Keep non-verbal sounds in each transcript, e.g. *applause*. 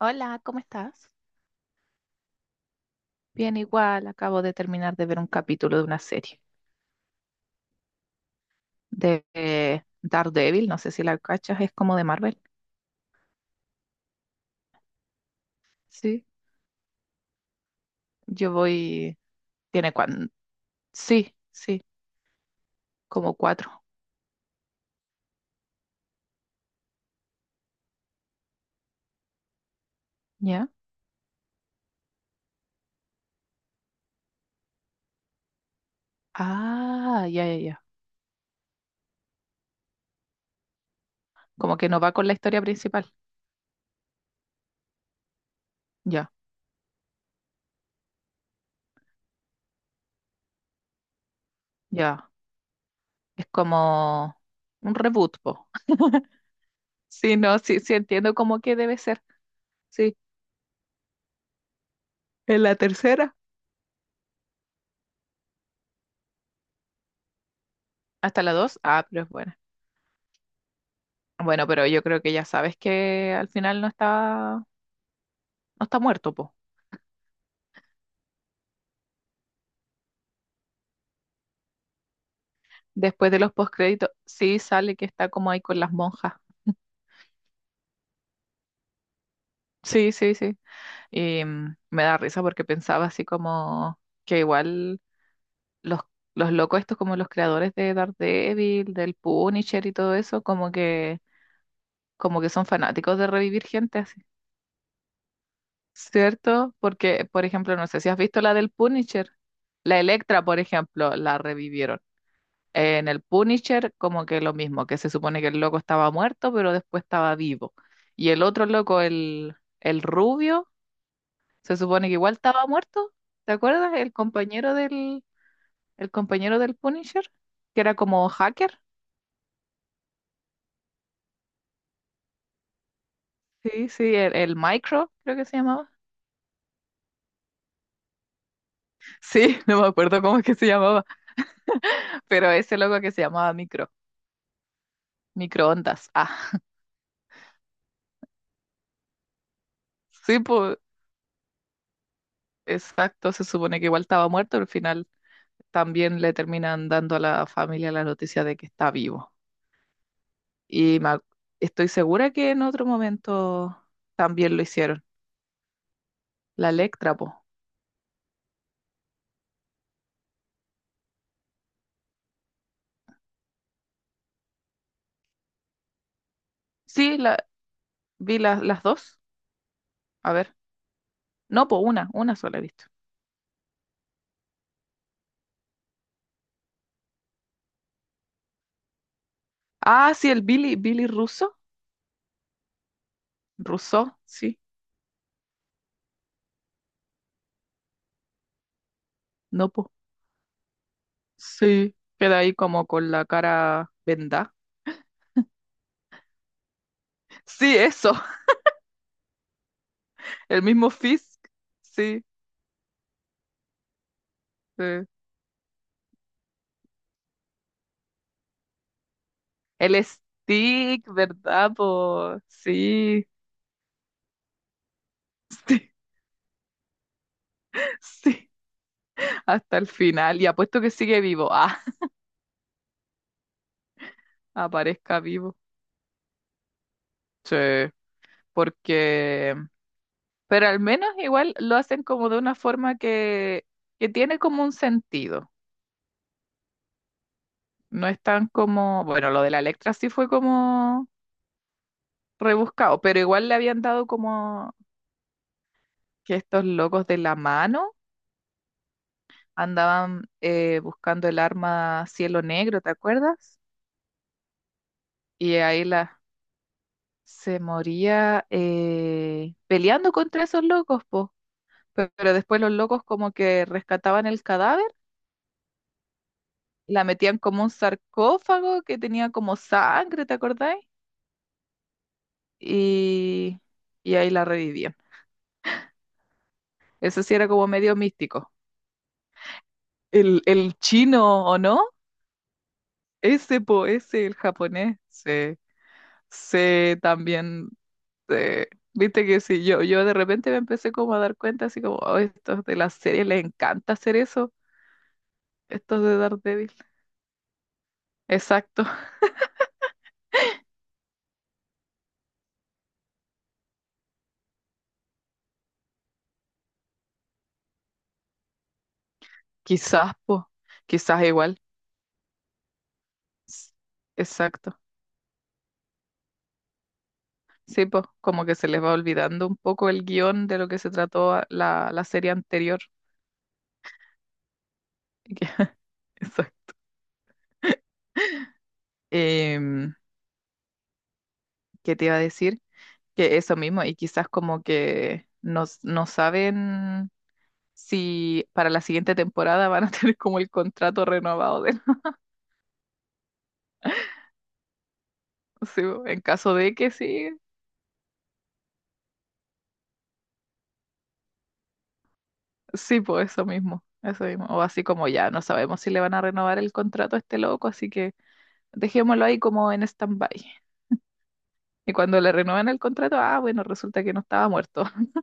Hola, ¿cómo estás? Bien, igual, acabo de terminar de ver un capítulo de una serie de Daredevil, no sé si la cachas, es como de Marvel. Sí, yo voy, tiene cuan, sí, sí, como cuatro, ¿ya? Ah, ya, ya, ya. Como que no va con la historia principal, ya, ya. Es como un reboot, po. *laughs* Sí, no, sí, sí entiendo cómo que debe ser, sí. En la tercera. Hasta la dos, ah, pero es buena. Bueno, pero yo creo que ya sabes que al final no está. No está muerto, po. Después de los postcréditos, sí sale que está como ahí con las monjas. Sí, sí, sí. Y me da risa porque pensaba así como que igual los, los locos estos, como los creadores de Daredevil, del Punisher y todo eso, como que son fanáticos de revivir gente así. ¿Cierto? Porque, por ejemplo, no sé si has visto la del Punisher. La Electra, por ejemplo, la revivieron. En el Punisher, como que lo mismo, que se supone que el loco estaba muerto, pero después estaba vivo. Y el otro loco, el rubio, se supone que igual estaba muerto. ¿Te acuerdas? El compañero del Punisher, que era como hacker. Sí, sí, el Micro, creo que se llamaba. Sí, *laughs* no me acuerdo cómo es que se llamaba, pero ese loco que se llamaba Micro, microondas. Ah, sí, pues, exacto, se supone que igual estaba muerto, al final también le terminan dando a la familia la noticia de que está vivo. Y me ac- estoy segura que en otro momento también lo hicieron. La Electra, po. Sí, la, vi las dos. A ver. No, po, una sola he visto. Ah, sí, el Billy, Billy Russo. Russo, sí. No, po. Sí, queda ahí como con la cara vendada. Sí, eso. *laughs* El mismo Fisk. Sí, sí. El Stick, ¿verdad, po? Sí, sí. *laughs* Sí. Hasta el final y apuesto que sigue vivo. Ah, aparezca vivo. Sí, porque... Pero al menos igual lo hacen como de una forma que tiene como un sentido. No es tan como... Bueno, lo de la Electra sí fue como rebuscado, pero igual le habían dado como que estos locos de la mano andaban buscando el arma Cielo Negro, ¿te acuerdas? Y ahí la... Se moría peleando contra esos locos, po. Pe- Pero después los locos como que rescataban el cadáver, la metían como un sarcófago que tenía como sangre, ¿te acordáis? Y, y ahí la revivían. Eso sí era como medio místico. El chino, ¿o no? Ese, po, ese, el japonés, se también, se- viste que sí, yo de repente me empecé como a dar cuenta, así como, oh, estos de la serie les encanta hacer eso, estos de Daredevil. Exacto, *laughs* quizás, po, quizás igual. S- Exacto. Sí, pues como que se les va olvidando un poco el guión de lo que se trató a- la serie anterior. Y que- *laughs* eso. Em, ¿Qué te iba a decir? Que eso mismo, y quizás como que no, no saben si para la siguiente temporada van a *laughs* tener como el contrato renovado de nuevo, *laughs* sí, po, en caso de que sí, sí, pues eso mismo, eso mismo. O así como ya, no sabemos si le van a renovar el contrato a este loco, así que dejémoslo ahí como en stand-by. Y cuando le renuevan el contrato, ah, bueno, resulta que no estaba muerto. *laughs*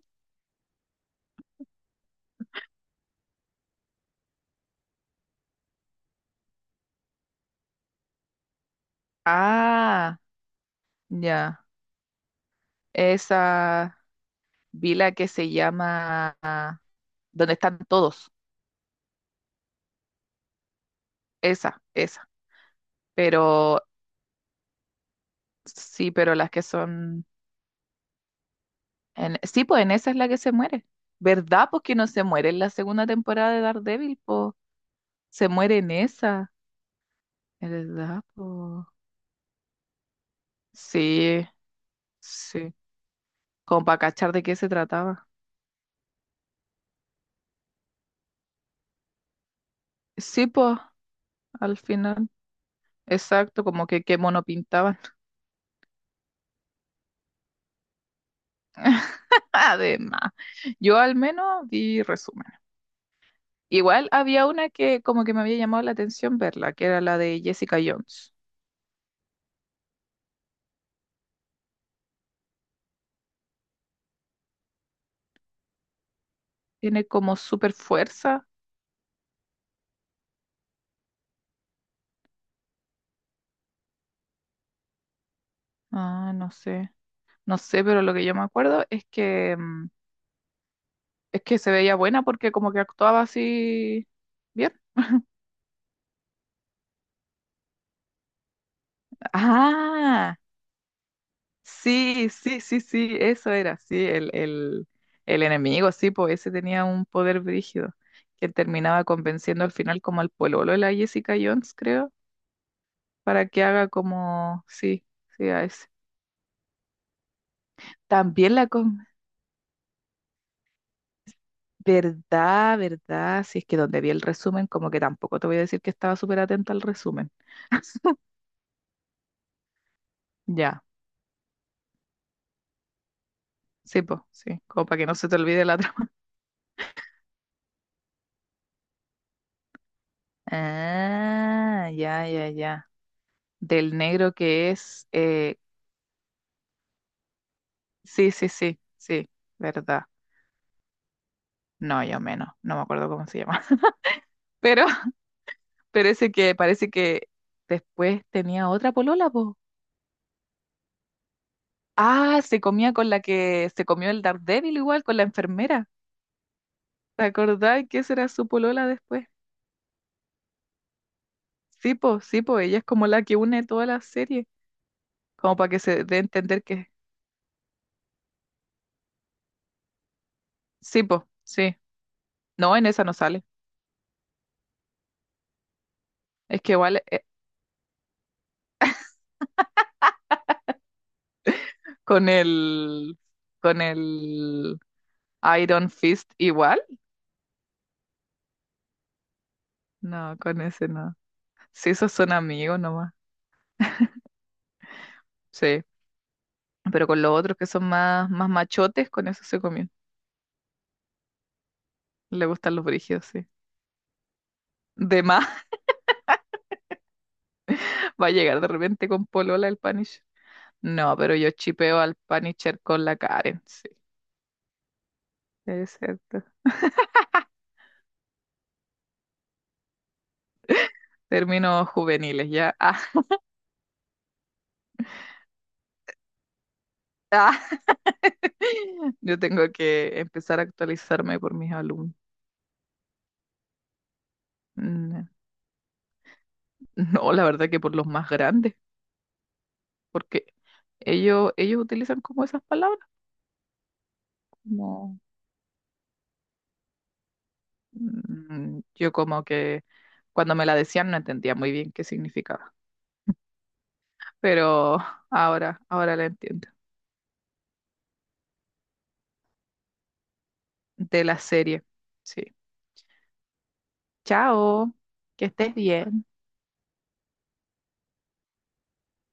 Ah, ya. Esa vila que se llama donde están todos. Esa, esa. Pero sí, pero las que son en- sí, pues en esa es la que se muere. ¿Verdad? Pues que no se muere en la segunda temporada de Daredevil, pues se muere en esa. ¿Verdad? Pues sí, sí. Como para cachar de qué se trataba. Sí, pues al final. Exacto, como que qué mono pintaban. Además, yo al menos vi resumen. Igual había una que como que me había llamado la atención verla, que era la de Jessica Jones. Tiene como super fuerza. Ah, no sé. No sé, pero lo que yo me acuerdo es que es que se veía buena porque como que actuaba así bien. Ah, sí, sí, sí, sí, eso era, sí, el el enemigo, sí, pues ese tenía un poder brígido que terminaba convenciendo al final como al pololo de la Jessica Jones, creo para que haga como, sí, sí, a ese. También la con... Verdad, verdad, si es que donde vi el resumen, como que tampoco te voy a decir que estaba súper atenta al resumen. Ya, sí, pues, sí, como para que no se te olvide la trama. *laughs* Ah, ya, ya, ya. Del negro que es, sí, sí, sí, sí, verdad. No, yo menos, no me acuerdo cómo se llama. *laughs* Pero, pero ese que parece que después tenía otra polola, pues. Ah, se comía con la que se comió el Daredevil igual, con la enfermera. ¿Te acordás que esa era su polola después? Sí, po, ella es como la que une toda la serie, como para que se dé a entender que... Sí, po, sí. No, en esa no sale. Es que igual con el... con el Iron Fist igual. No, con ese no. Sí, esos son amigos nomás. Sí, pero con los otros que son más, más machotes, con eso se comió. Le gustan los brígidos, sí. De más. Va a llegar de repente con polola el Punisher. No, pero yo chipeo al Punisher con la Karen, sí. Es cierto. Términos juveniles, ya. Ah, *laughs* ah. Yo tengo que empezar a actualizarme por mis alumnos. Mm, no, la verdad que por los más grandes, porque ellos utilizan como esas palabras, como yo como que cuando me la decían no entendía muy bien qué significaba, pero ahora, ahora la entiendo. De la serie, sí. Chao, que estés bien.